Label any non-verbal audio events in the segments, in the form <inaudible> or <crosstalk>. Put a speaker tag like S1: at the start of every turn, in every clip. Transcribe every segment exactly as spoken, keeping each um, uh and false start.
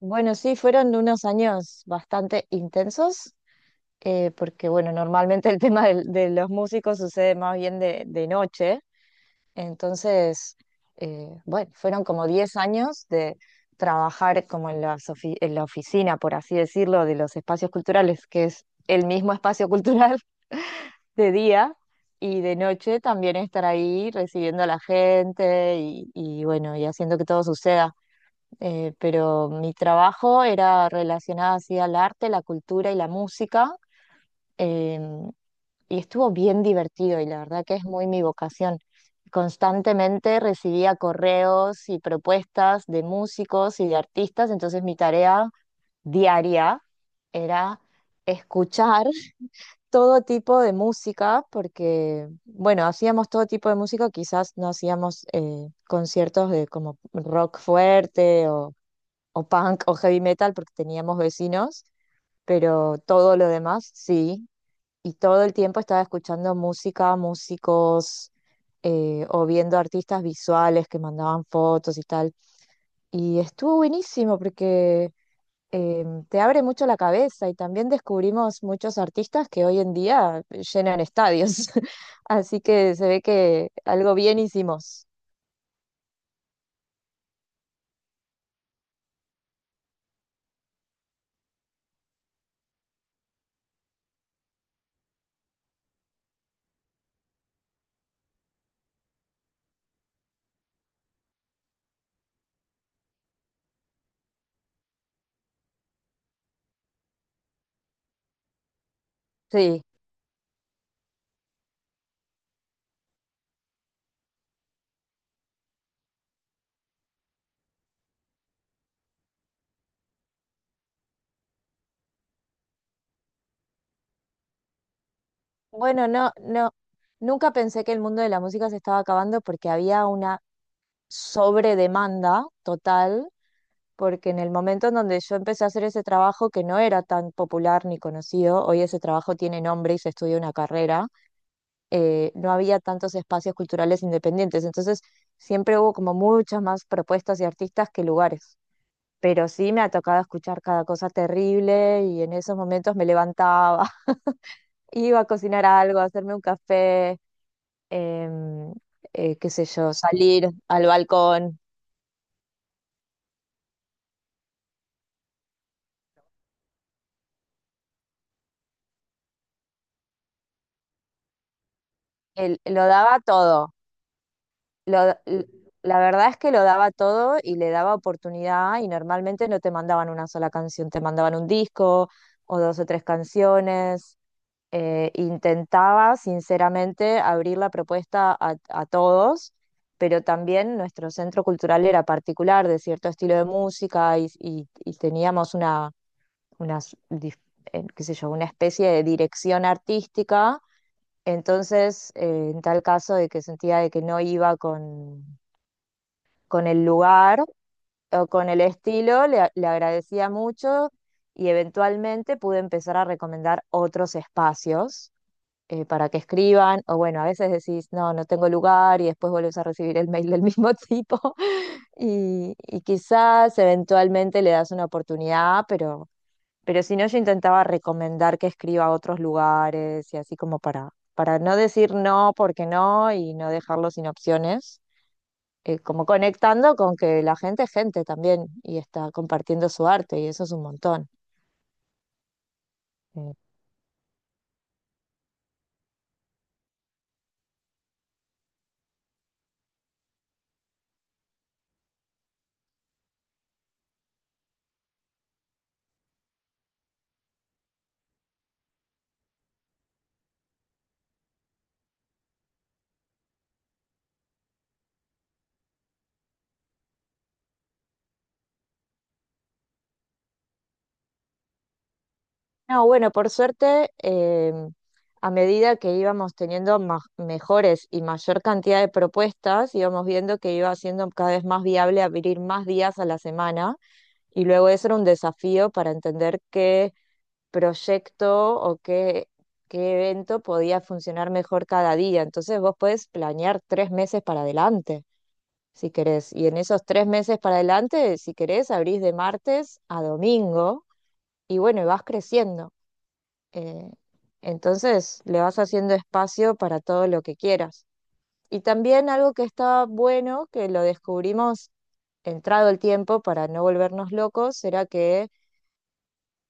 S1: Bueno, sí, fueron unos años bastante intensos, eh, porque bueno, normalmente el <laughs> tema del- de, los músicos sucede más bien de, de noche. Entonces, eh, bueno, fueron como diez años de trabajar como en las ofi- en la oficina, por así decirlo, de los espacios culturales, que es el mismo espacio cultural <laughs> de día, y de noche también estar ahí recibiendo a la gente y, y bueno, y haciendo que todo suceda. Eh, pero mi trabajo era relacionado así al arte, la cultura y la música. em, y estuvo bien divertido, y la verdad que es muy mi vocación. Constantemente recibía correos y propuestas de músicos y de artistas. Entonces mi tarea diaria era escuchar <laughs> todo tipo de música, porque, bueno, hacíamos todo tipo de música. Quizás no hacíamos eh, conciertos de como rock fuerte o o punk o heavy metal porque teníamos vecinos, pero todo lo demás sí. Y todo el tiempo estaba escuchando música, músicos, eh, o viendo artistas visuales que mandaban fotos y tal. Y estuvo buenísimo porque eh, te abre mucho la cabeza, y también descubrimos muchos artistas que hoy en día llenan estadios. <laughs> Así que se ve que algo bien hicimos. Sí. Bueno, no, no, nunca pensé que el mundo de la música se estaba acabando porque había una sobredemanda total, porque en el momento en donde yo empecé a hacer ese trabajo que no era tan popular ni conocido, hoy ese trabajo tiene nombre y se estudia una carrera. Eh, no había tantos espacios culturales independientes, entonces siempre hubo como muchas más propuestas y artistas que lugares. Pero sí me ha tocado escuchar cada cosa terrible, y en esos momentos me levantaba, <laughs> iba a cocinar algo, a hacerme un café, em, eh, qué sé yo, salir al balcón. El- lo daba todo. lo- l- la verdad es que lo daba todo y le daba oportunidad, y normalmente no te mandaban una sola canción, te mandaban un disco o dos o tres canciones. Eh, intentaba sinceramente abrir la propuesta a, a todos, pero también nuestro centro cultural era particular de cierto estilo de música, y, y- y teníamos una, unas dif- eh, qué sé yo, una especie de dirección artística. Entonces, eh, en tal caso de que sentía de que no iba con con el lugar o con el estilo, le, le agradecía mucho, y eventualmente pude empezar a recomendar otros espacios eh, para que escriban. O bueno, a veces decís, no, no tengo lugar, y después vuelves a recibir el mail del mismo <laughs> tipo, y, y quizás eventualmente le das una oportunidad. pero, pero si no, yo intentaba recomendar que escriba a otros lugares y así como para, para no decir no porque no y no dejarlo sin opciones, eh, como conectando con que la gente es gente también y está compartiendo su arte, y eso es un montón. Eh, No, bueno, por suerte, eh, a medida que íbamos teniendo ma- mejores y mayor cantidad de propuestas, íbamos viendo que iba siendo cada vez más viable abrir más días a la semana, y luego eso era un desafío para entender qué proyecto o qué... qué evento podía funcionar mejor cada día. Entonces vos podés planear tres meses para adelante, si querés. Y en esos tres meses para adelante, si querés, abrís de martes a domingo, y bueno, y vas creciendo. Eh, entonces le vas haciendo espacio para todo lo que quieras. Y también algo que está bueno, que lo descubrimos entrado el tiempo para no volvernos locos, era que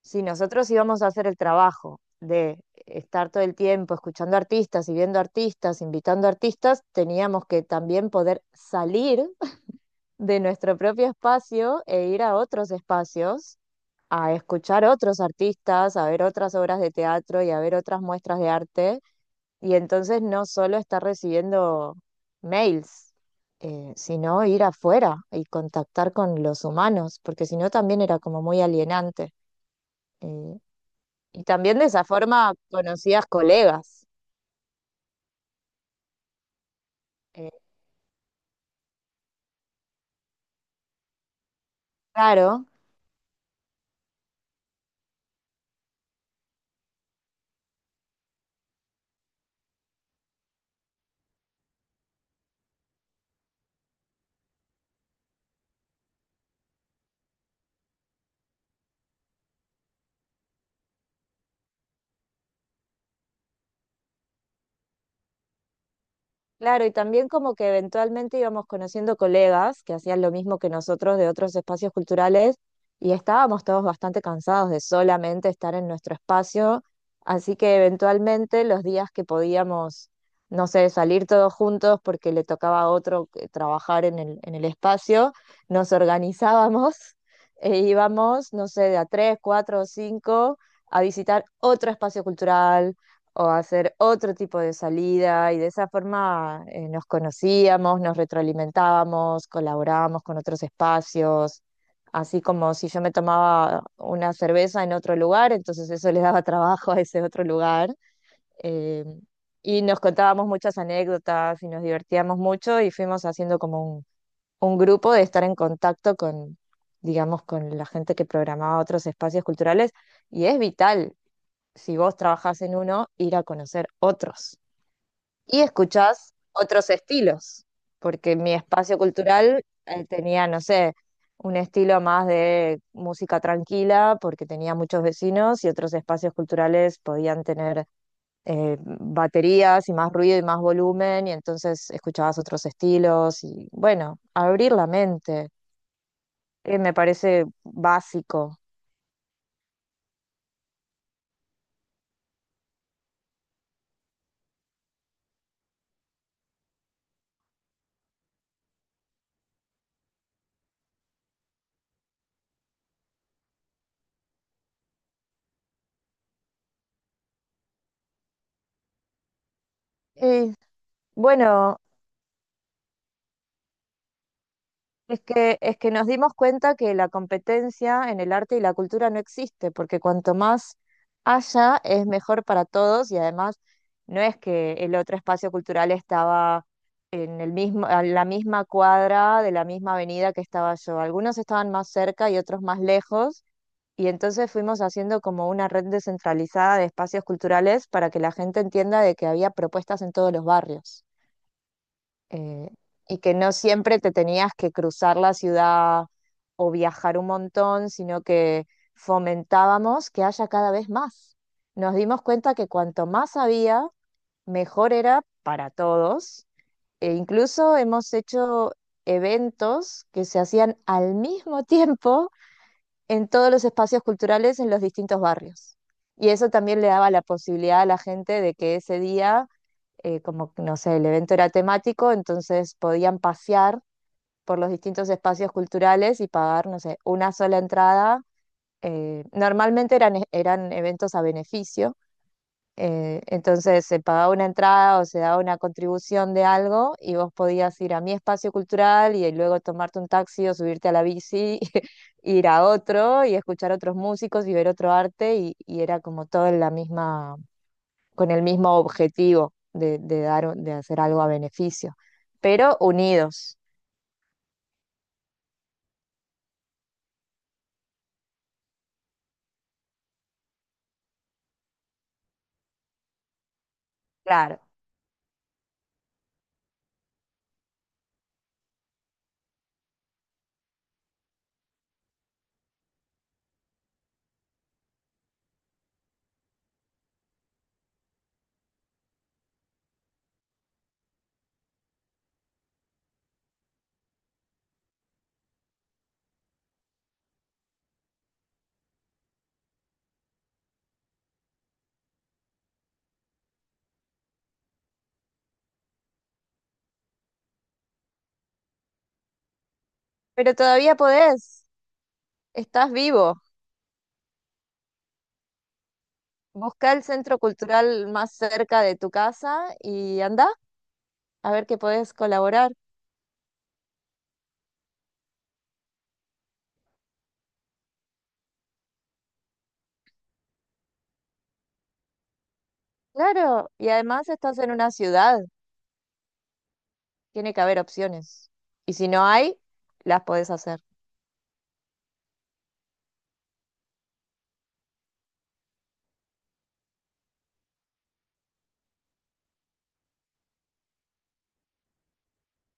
S1: si nosotros íbamos a hacer el trabajo de estar todo el tiempo escuchando artistas y viendo artistas, invitando artistas, teníamos que también poder salir de nuestro propio espacio e ir a otros espacios, a escuchar otros artistas, a ver otras obras de teatro y a ver otras muestras de arte. Y entonces no solo estar recibiendo mails, eh, sino ir afuera y contactar con los humanos, porque si no también era como muy alienante. Eh, y también de esa forma conocías colegas. Eh, claro. Claro, y también como que eventualmente íbamos conociendo colegas que hacían lo mismo que nosotros de otros espacios culturales, y estábamos todos bastante cansados de solamente estar en nuestro espacio. Así que eventualmente los días que podíamos, no sé, salir todos juntos porque le tocaba a otro que- trabajar en el, en el espacio, nos organizábamos <laughs> e íbamos, no sé, de a tres, cuatro o cinco a visitar otro espacio cultural o hacer otro tipo de salida, y de esa forma eh, nos conocíamos, nos retroalimentábamos, colaborábamos con otros espacios, así como si yo me tomaba una cerveza en otro lugar, entonces eso le daba <laughs> trabajo a ese otro lugar. eh, y nos contábamos muchas anécdotas y nos divertíamos mucho, y fuimos haciendo como un, un grupo de estar en contacto con, digamos, con la gente que programaba otros espacios culturales. Y es vital si vos trabajás en uno, ir a conocer otros. Y escuchás otros estilos, porque mi espacio cultural eh, tenía, no sé, un estilo más de música tranquila, porque tenía muchos vecinos, y otros espacios culturales podían tener eh, baterías y más ruido y más volumen, y entonces escuchabas otros estilos y bueno, abrir la mente, eh, me parece básico. Y, bueno, es que, es que nos dimos cuenta que la competencia en el arte y la cultura no existe, porque cuanto más haya, es mejor para todos. Y además no es que el otro espacio cultural estaba en el mismo, a la misma cuadra de la misma avenida que estaba yo. Algunos estaban más cerca y otros más lejos, y entonces fuimos haciendo como una red descentralizada de espacios culturales para que la gente entienda de que había propuestas en todos los barrios, eh, y que no siempre te tenías que cruzar la ciudad o viajar un montón, sino que fomentábamos que haya cada vez más. Nos dimos cuenta que cuanto más había, mejor era para todos. E incluso hemos hecho eventos que se hacían al mismo <laughs> tiempo en todos los espacios culturales en los distintos barrios. Y eso también le daba la posibilidad a la gente de que ese día, eh, como, que, no sé, el evento era temático, entonces podían pasear por los distintos espacios culturales y pagar, no sé, una sola entrada. Eh, normalmente eran, e- eran eventos a beneficio. Eh, entonces se pagaba una entrada o se daba una contribución de algo, y vos podías ir a mi espacio cultural y luego tomarte un taxi o subirte a la bici, <laughs> ir a otro y escuchar otros músicos y ver otro arte, y, y era como todo en la misma, con el mismo objetivo de, de dar, de hacer algo a beneficio, pero unidos, claro. Pero todavía podés, estás vivo. Busca el centro cultural más cerca de tu casa y anda a ver que podés colaborar. Claro, y además estás en una ciudad, tiene que haber opciones. Y si no hay, las podés hacer.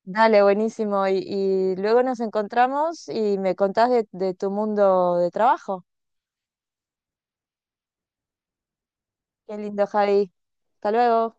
S1: Dale, buenísimo. Y, y luego nos encontramos y me contás de, de tu mundo de trabajo. Qué lindo, Javi. Hasta luego.